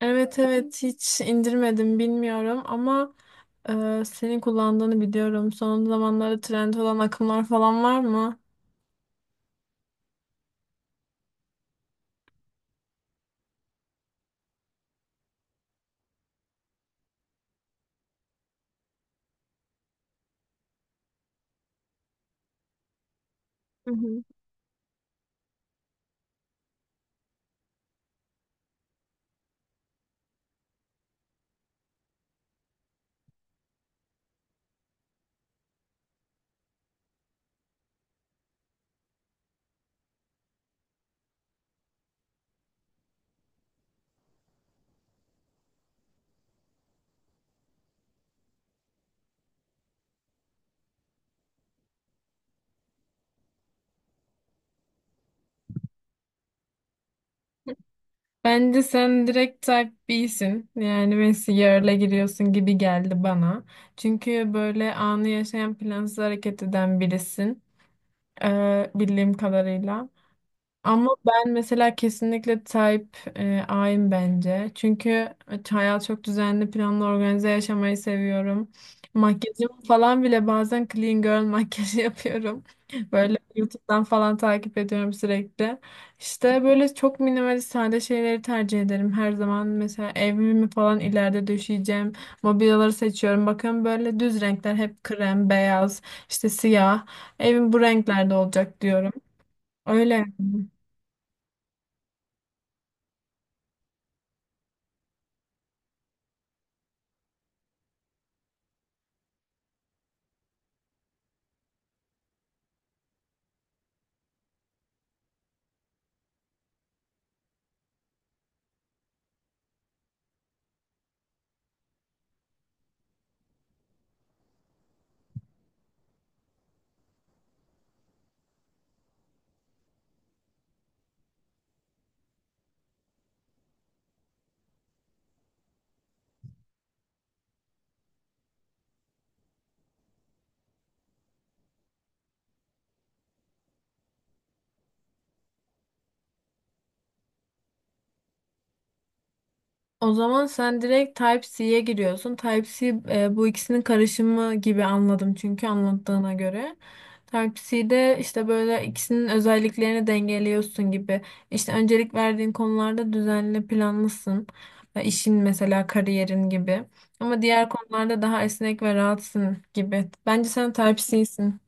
Evet, evet, hiç indirmedim, bilmiyorum ama senin kullandığını biliyorum. Son zamanlarda trend olan akımlar falan var mı? Hı hı. Bence sen direkt type B'sin. Yani Messi yarla giriyorsun gibi geldi bana. Çünkü böyle anı yaşayan, plansız hareket eden birisin. Bildiğim kadarıyla. Ama ben mesela kesinlikle type A'yım bence. Çünkü hayat çok düzenli, planlı, organize yaşamayı seviyorum. Makyajımı falan bile bazen clean girl makyajı yapıyorum. Böyle YouTube'dan falan takip ediyorum sürekli. İşte böyle çok minimalist, sade şeyleri tercih ederim her zaman. Mesela evimi falan ileride döşeyeceğim. Mobilyaları seçiyorum. Bakın böyle düz renkler, hep krem, beyaz, işte siyah. Evim bu renklerde olacak diyorum. Öyle. O zaman sen direkt Type-C'ye giriyorsun. Type-C bu ikisinin karışımı gibi anladım çünkü anlattığına göre. Type-C'de işte böyle ikisinin özelliklerini dengeliyorsun gibi. İşte öncelik verdiğin konularda düzenli, planlısın. İşin mesela, kariyerin gibi. Ama diğer konularda daha esnek ve rahatsın gibi. Bence sen Type-C'sin.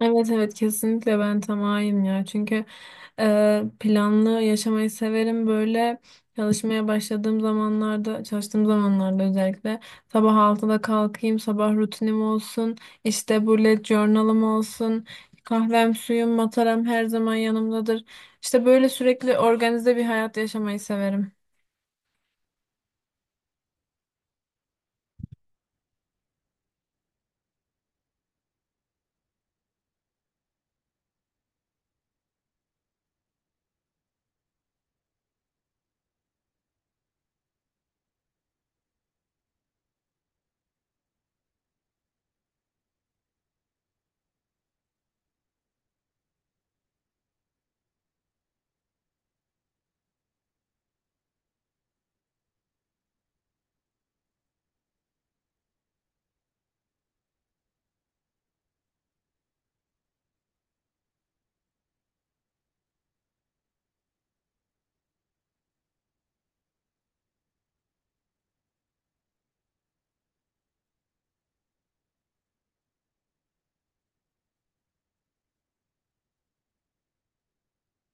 Evet, evet, kesinlikle ben tamayım ya. Çünkü planlı yaşamayı severim. Böyle çalışmaya başladığım zamanlarda, çalıştığım zamanlarda özellikle sabah 6'da kalkayım, sabah rutinim olsun, işte bullet journal'ım olsun, kahvem, suyum, mataram her zaman yanımdadır, işte böyle sürekli organize bir hayat yaşamayı severim.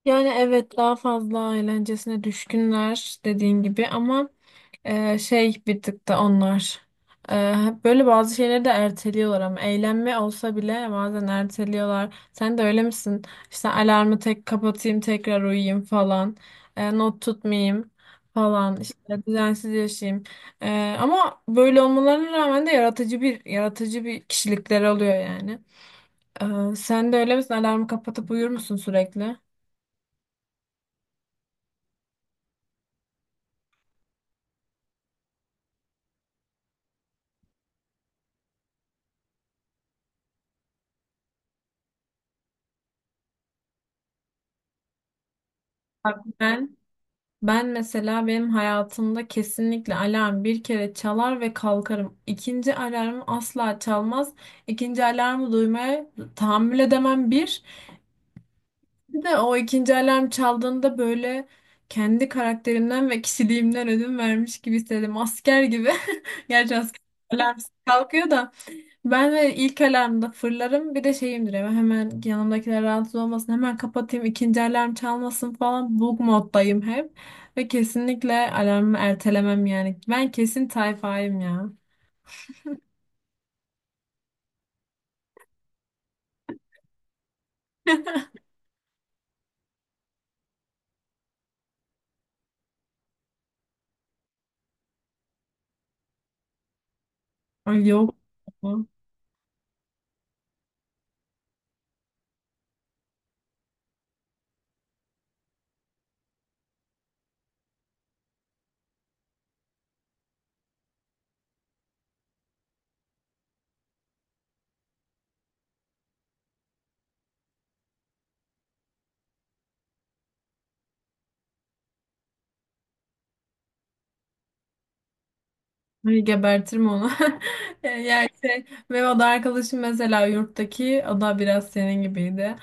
Yani evet, daha fazla eğlencesine düşkünler dediğin gibi ama şey, bir tık da onlar hep böyle bazı şeyleri de erteliyorlar. Ama eğlenme olsa bile bazen erteliyorlar. Sen de öyle misin? İşte alarmı tek kapatayım, tekrar uyuyayım falan. Not tutmayayım falan, işte düzensiz yaşayayım. Ama böyle olmalarına rağmen de yaratıcı bir kişilikleri oluyor yani. Sen de öyle misin? Alarmı kapatıp uyur musun sürekli? Bak, ben mesela, benim hayatımda kesinlikle alarm bir kere çalar ve kalkarım. İkinci alarmı asla çalmaz. İkinci alarmı duymaya tahammül edemem bir. Bir de o ikinci alarm çaldığında böyle kendi karakterimden ve kişiliğimden ödün vermiş gibi hissederim. Asker gibi. Gerçi asker alarm kalkıyor da. Ben de ilk alarmda fırlarım. Bir de şeyimdir, hemen yanımdakiler rahatsız olmasın, hemen kapatayım, ikinci alarm çalmasın falan. Bug moddayım hep ve kesinlikle alarmı ertelemem. Yani ben kesin tayfayım ya. Ay, yok. Ay, gebertirim onu. Yani şey, ve o da arkadaşım mesela, yurttaki o da biraz senin gibiydi.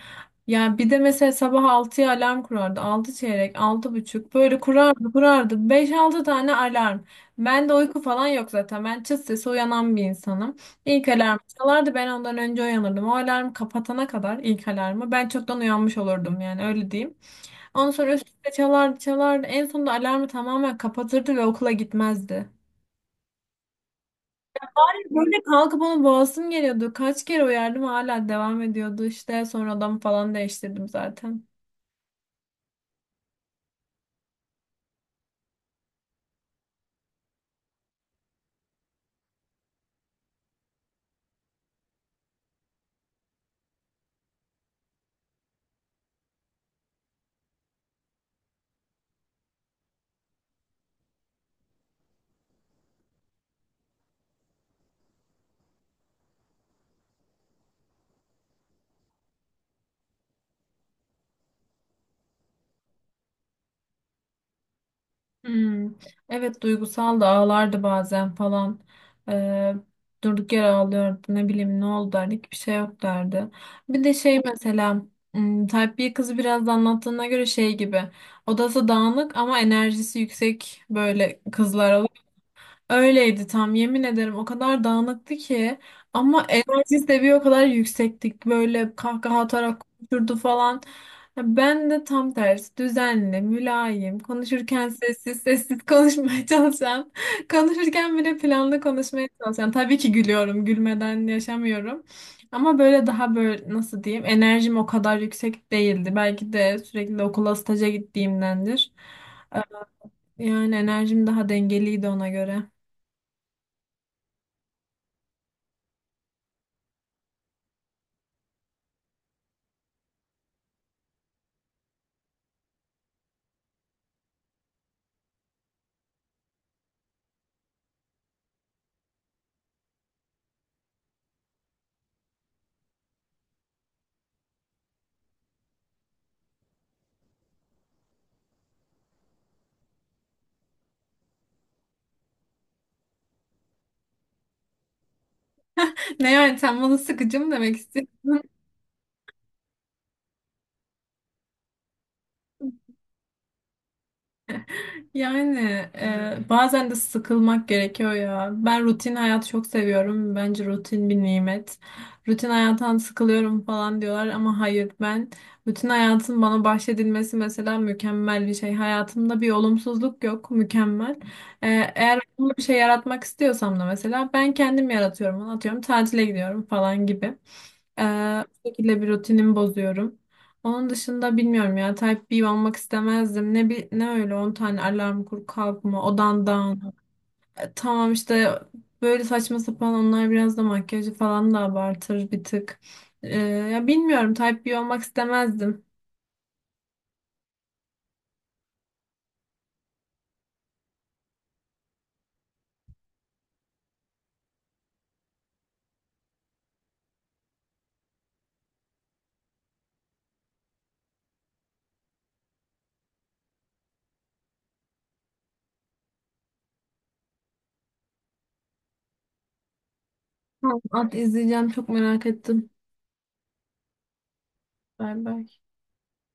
Yani bir de mesela sabah 6'ya alarm kurardı. Altı çeyrek, 6 buçuk, böyle kurardı, kurardı. 5-6 tane alarm. Ben de uyku falan yok zaten. Ben çıt sesi uyanan bir insanım. İlk alarm çalardı, ben ondan önce uyanırdım. O alarm kapatana kadar, ilk alarmı ben çoktan uyanmış olurdum, yani öyle diyeyim. Ondan sonra üst üste çalardı, çalardı. En sonunda alarmı tamamen kapatırdı ve okula gitmezdi. Böyle kalkıp onu boğasım geliyordu. Kaç kere uyardım, hala devam ediyordu. İşte sonra odamı falan değiştirdim zaten. Hmm, evet, duygusal da, ağlardı bazen falan. Ee, durduk yere ağlıyordu, ne bileyim, ne oldu derdik, bir şey yok derdi. Bir de şey mesela, Type B kızı biraz da anlattığına göre şey gibi, odası dağınık ama enerjisi yüksek, böyle kızlar. Öyleydi tam, yemin ederim, o kadar dağınıktı ki, ama enerjisi de bir o kadar yüksektik, böyle kahkaha atarak konuşurdu falan. Ya ben de tam tersi, düzenli, mülayim, konuşurken sessiz sessiz konuşmaya çalışan, konuşurken bile planlı konuşmaya çalışan. Tabii ki gülüyorum, gülmeden yaşamıyorum. Ama böyle daha böyle nasıl diyeyim, enerjim o kadar yüksek değildi. Belki de sürekli okula, staja gittiğimdendir. Ee, yani enerjim daha dengeliydi ona göre. Ne, yani sen bana sıkıcı mı demek istiyorsun? Yani bazen de sıkılmak gerekiyor ya. Ben rutin hayatı çok seviyorum. Bence rutin bir nimet. Rutin hayattan sıkılıyorum falan diyorlar ama hayır, ben rutin hayatın bana bahşedilmesi mesela mükemmel bir şey. Hayatımda bir olumsuzluk yok, mükemmel. E, eğer olumlu bir şey yaratmak istiyorsam da mesela ben kendim yaratıyorum. Atıyorum, tatile gidiyorum falan gibi. E, bu şekilde bir rutinimi bozuyorum. Onun dışında bilmiyorum ya, Type B olmak istemezdim. Ne ne öyle 10 tane alarm kur, kalkma, odan dağın. Tamam, işte böyle saçma sapan, onlar biraz da makyajı falan da abartır bir tık. Ya bilmiyorum, Type B olmak istemezdim. Tamam, at, izleyeceğim, çok merak ettim. Bay bay.